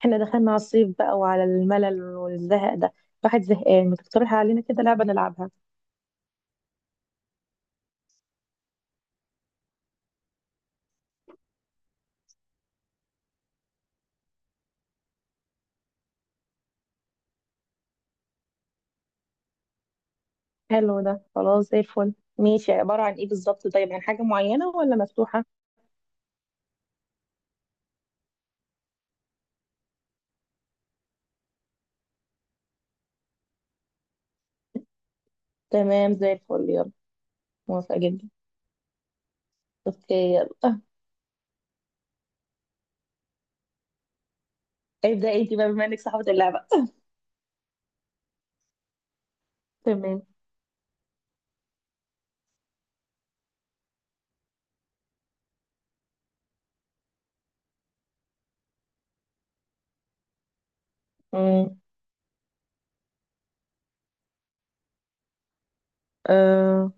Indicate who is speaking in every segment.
Speaker 1: احنا دخلنا على الصيف بقى وعلى الملل والزهق ده. الواحد زهقان، ما تقترح علينا كده لعبة نلعبها؟ حلو ده، خلاص زي الفل. ماشي، عبارة عن ايه بالظبط؟ طيب، عن حاجة معينة ولا مفتوحة؟ تمام زي الفل، يلا. موافقة جدا. اوكي يلا. ابدأ انت بقى بما انك صاحبة اللعبة. تمام. امم آه،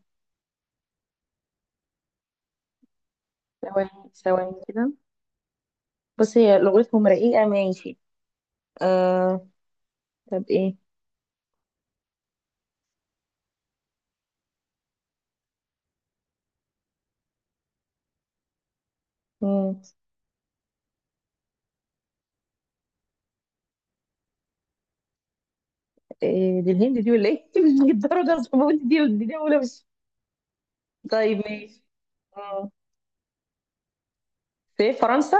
Speaker 1: ثواني ثواني كده. بص، هي لغتهم رقيقة، ماشي. آه، طب ايه؟ مم. إيه دي، الهند دي ولا ايه؟ مش الدرجة، الزبون دي دي ولا مش. طيب ماشي، في فرنسا.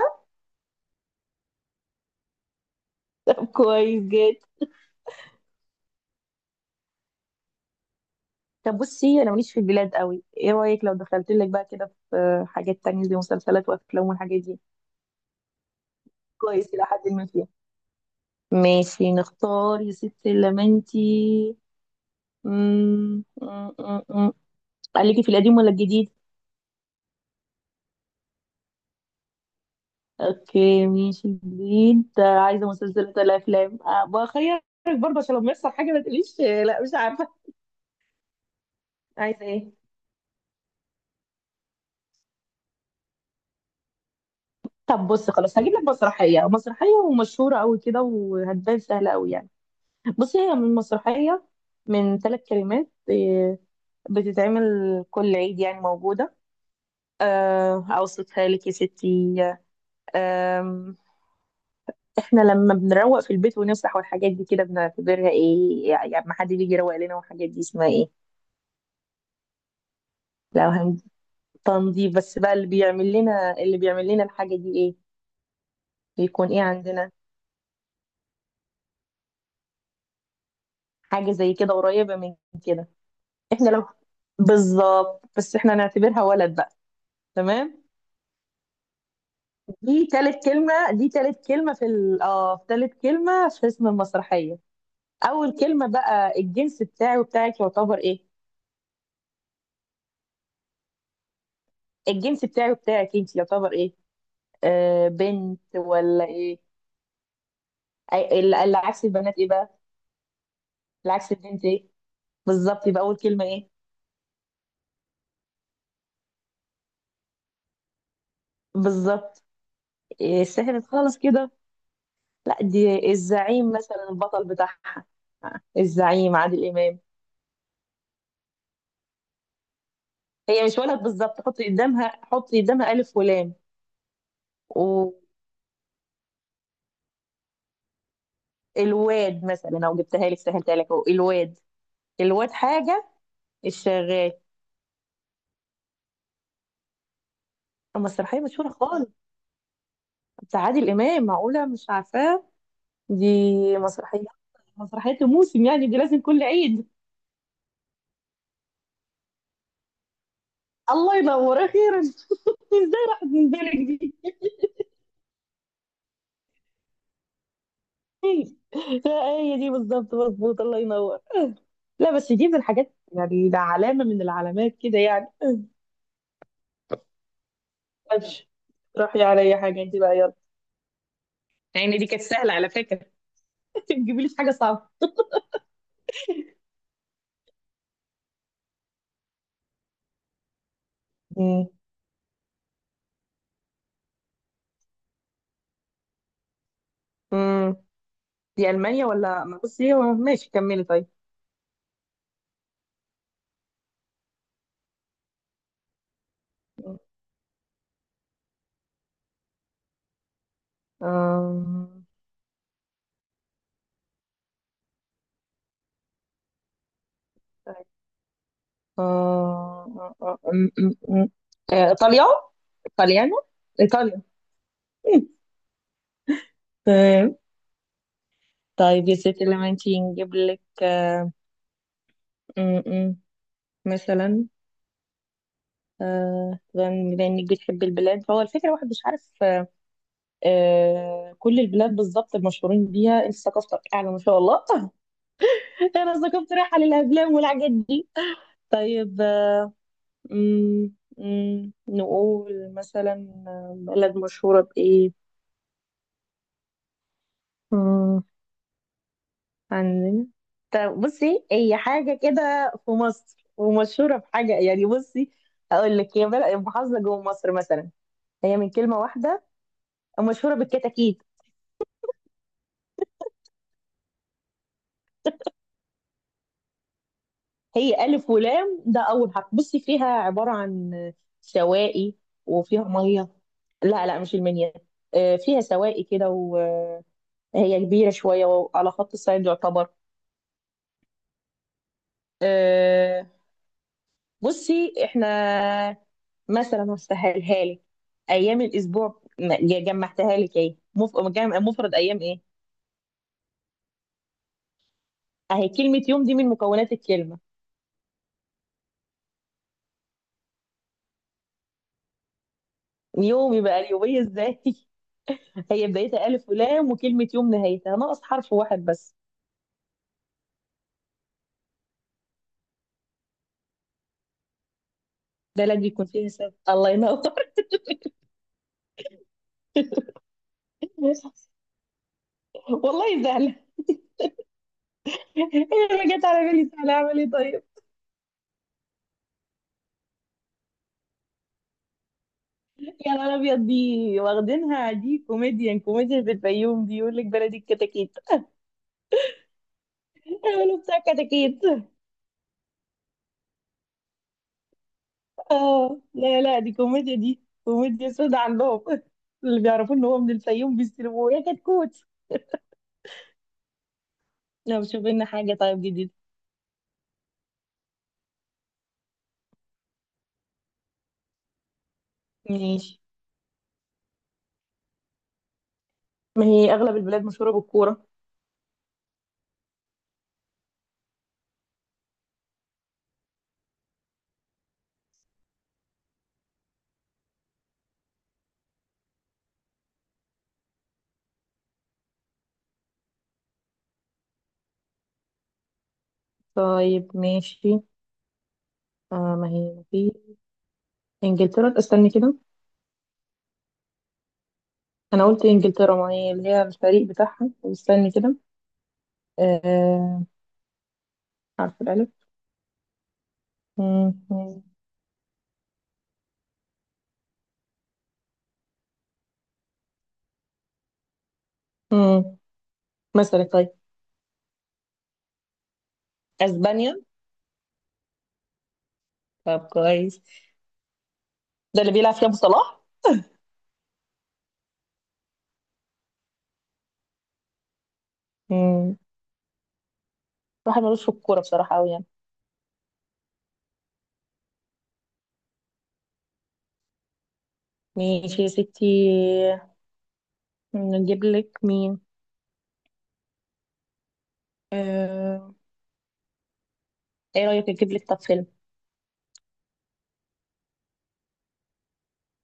Speaker 1: كويس جدا. طب بصي، انا ماليش في البلاد قوي، ايه رايك لو دخلت لك بقى كده في حاجات تانية زي مسلسلات وافلام والحاجات دي؟ كويس الى حد ما فيها. ماشي نختار يا ستي لمنتي. قالك في القديم ولا الجديد؟ اوكي ماشي جديد. عايزه مسلسلات ولا افلام؟ أه بخيرك برضه عشان لما يحصل حاجه ما تقوليش لا مش عارفه. عايزه ايه؟ طب بص، خلاص هجيب لك مسرحيه ومشهوره قوي كده وهتبان سهله قوي يعني. بصي، هي من مسرحية من ثلاث كلمات. إيه، بتتعمل كل عيد يعني، موجودة. آه، أوصفها لك يا ستي. آم، إحنا لما بنروق في البيت ونفسح والحاجات دي كده بنعتبرها إيه؟ يعني ما حد بيجي يروق لنا والحاجات دي، اسمها إيه؟ لو هن تنظيف بس بقى، اللي بيعمل لنا الحاجة دي إيه؟ بيكون إيه عندنا؟ حاجة زي كده قريبة من كده. إحنا لو بالظبط، بس إحنا نعتبرها ولد بقى. تمام. دي تالت كلمة دي تالت كلمة في ال... اه في تالت كلمة في اسم المسرحية. أول كلمة بقى، الجنس بتاعي وبتاعك يعتبر إيه؟ الجنس بتاعي وبتاعك أنت يعتبر إيه؟ آه، بنت ولا إيه؟ اللي عكس البنات إيه بقى؟ اللي عكس البنت إيه؟ بالظبط، يبقى أول كلمة إيه؟ بالظبط. إيه سهلت خالص كده. لا دي الزعيم مثلا، البطل بتاعها الزعيم عادل إمام. هي مش ولد بالظبط، حطي قدامها ألف ولام. الواد مثلا، او جبتها لك سهلتها لك اهو، الواد. الواد حاجه، الشغال. مسرحيه مشهوره خالص بتاع عادل امام، معقوله مش عارفاه؟ دي مسرحيه، مسرحيه الموسم يعني، دي لازم كل عيد. الله ينور، اخيرا. ازاي راحت من بالك دي؟ لا، هي دي بالظبط، مظبوط، الله ينور. لا بس دي من الحاجات يعني، ده علامه من العلامات كده يعني. ماشي، روحي على اي حاجه انت بقى، يلا. يعني دي كانت سهله على فكره. تجيبي لي حاجه صعبه. مم. دي ألمانيا ولا بصي هو ماشي كملي طيب. آم، طيب. آه، آه، آم، آم، آم. آه، إيطاليا، إيطاليانو، إيطاليا، تمام. طيب يا ستي، لما انتي نجيب لك. آه، م- م. مثلا، بما انك بتحبي البلاد، فهو الفكرة الواحد مش عارف. كل البلاد بالظبط المشهورين بيها، انت ثقافتك أعلى ما شاء الله. أنا ثقافتي رايحة للأفلام والحاجات دي. طيب، مم، نقول مثلا بلد مشهورة بإيه. مم، عندنا، طب بصي، هي حاجة كده في مصر ومشهورة بحاجة يعني. بصي، أقول لك، هي بلد محافظة جوه مصر مثلا. هي من كلمة واحدة، مشهورة بالكتاكيت. هي ألف ولام ده أول حرف. بصي، فيها عبارة عن سواقي وفيها مية. لا لا مش المنيا. آه، فيها سواقي كده، وهي كبيرة شوية وعلى خط الصيد يعتبر. آه، بصي احنا مثلا هسهلها لك. ايام الاسبوع جمعتها لك ايه، مفرد ايام ايه؟ اهي كلمه يوم دي من مكونات الكلمه. يوم يبقى اليوميه ازاي؟ هي بدايتها الف ولام، وكلمه يوم نهايتها ناقص حرف واحد بس. ده لازم يكون فيها سبب، الله ينور. والله سهله هي، ما جت على بالي سهله اعمل ايه طيب. يا نهار ابيض، دي واخدينها دي، كوميديان في الفيوم دي يقول لك بلدي الكتاكيت. قالوا بتاع كتاكيت. اه لا لا، دي كوميديا سودا عندهم. اللي بيعرفوا ان هو من الفيوم بيستلموه يا كتكوت. لو شوف لنا حاجة طيب، جديد. ماشي، ما هي اغلب البلاد مشهوره بالكوره. طيب ماشي. آه، ما هي في انجلترا، استني كده. انا قلت انجلترا ما هي اللي هي الفريق بتاعها، استني كده. آه، عارفه الالف. مم، مم، مم. مثلا طيب، اسبانيا. طب كويس، ده اللي بيلعب فيها أبو صلاح. مم، واحد ملوش في الكوره بصراحه قوي يعني. ماشي يا ستي، نجيب لك مين؟ آه... ايه رأيك اجيب لك طب فيلم؟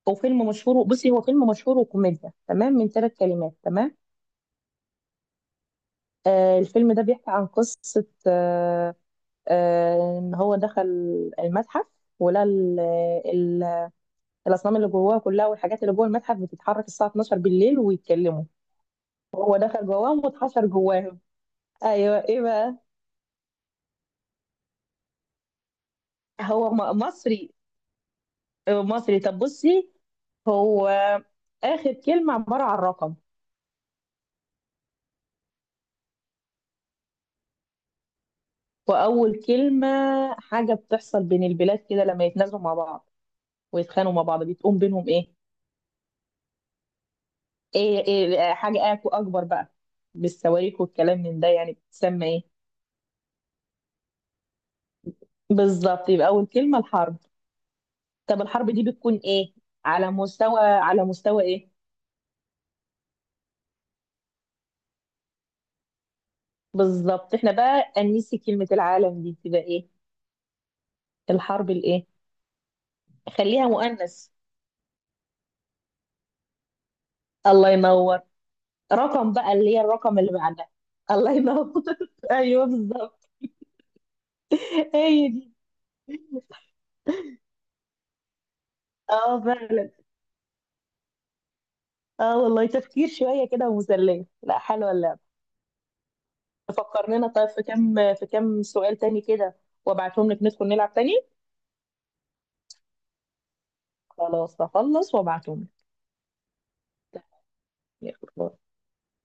Speaker 1: هو فيلم مشهور، بصي هو فيلم مشهور وكوميديا، تمام، من ثلاث كلمات، تمام. آه، الفيلم ده بيحكي عن قصة. ان هو دخل المتحف ولقى ال- الأصنام اللي جواه كلها والحاجات اللي جوه المتحف بتتحرك الساعة 12 بالليل ويتكلموا. هو دخل جواهم واتحشر جواهم. ايوه ايه بقى؟ هو مصري؟ آه، مصري. طب بصي هو، آخر كلمة عبارة عن رقم، وأول كلمة حاجة بتحصل بين البلاد كده لما يتنازلوا مع بعض ويتخانقوا مع بعض بتقوم بينهم إيه؟ حاجة أكبر بقى، بالصواريخ والكلام من ده يعني، بتسمى إيه؟ بالظبط، يبقى أول كلمة الحرب. طب الحرب دي بتكون إيه؟ على مستوى إيه؟ بالظبط. إحنا بقى أنسي كلمة العالم دي، تبقى إيه؟ الحرب الإيه؟ خليها مؤنث. الله ينور. رقم بقى، اللي هي الرقم اللي بعدها. الله ينور. ايوه بالظبط، هي دي. اه فعلا. اه والله تفكير شويه كده ومسليه، لا حلوه اللعبه. فكر لنا طيب في كام، في كام سؤال تاني كده وابعتهم لك، ندخل نلعب تاني. خلاص هخلص وابعتهم لك.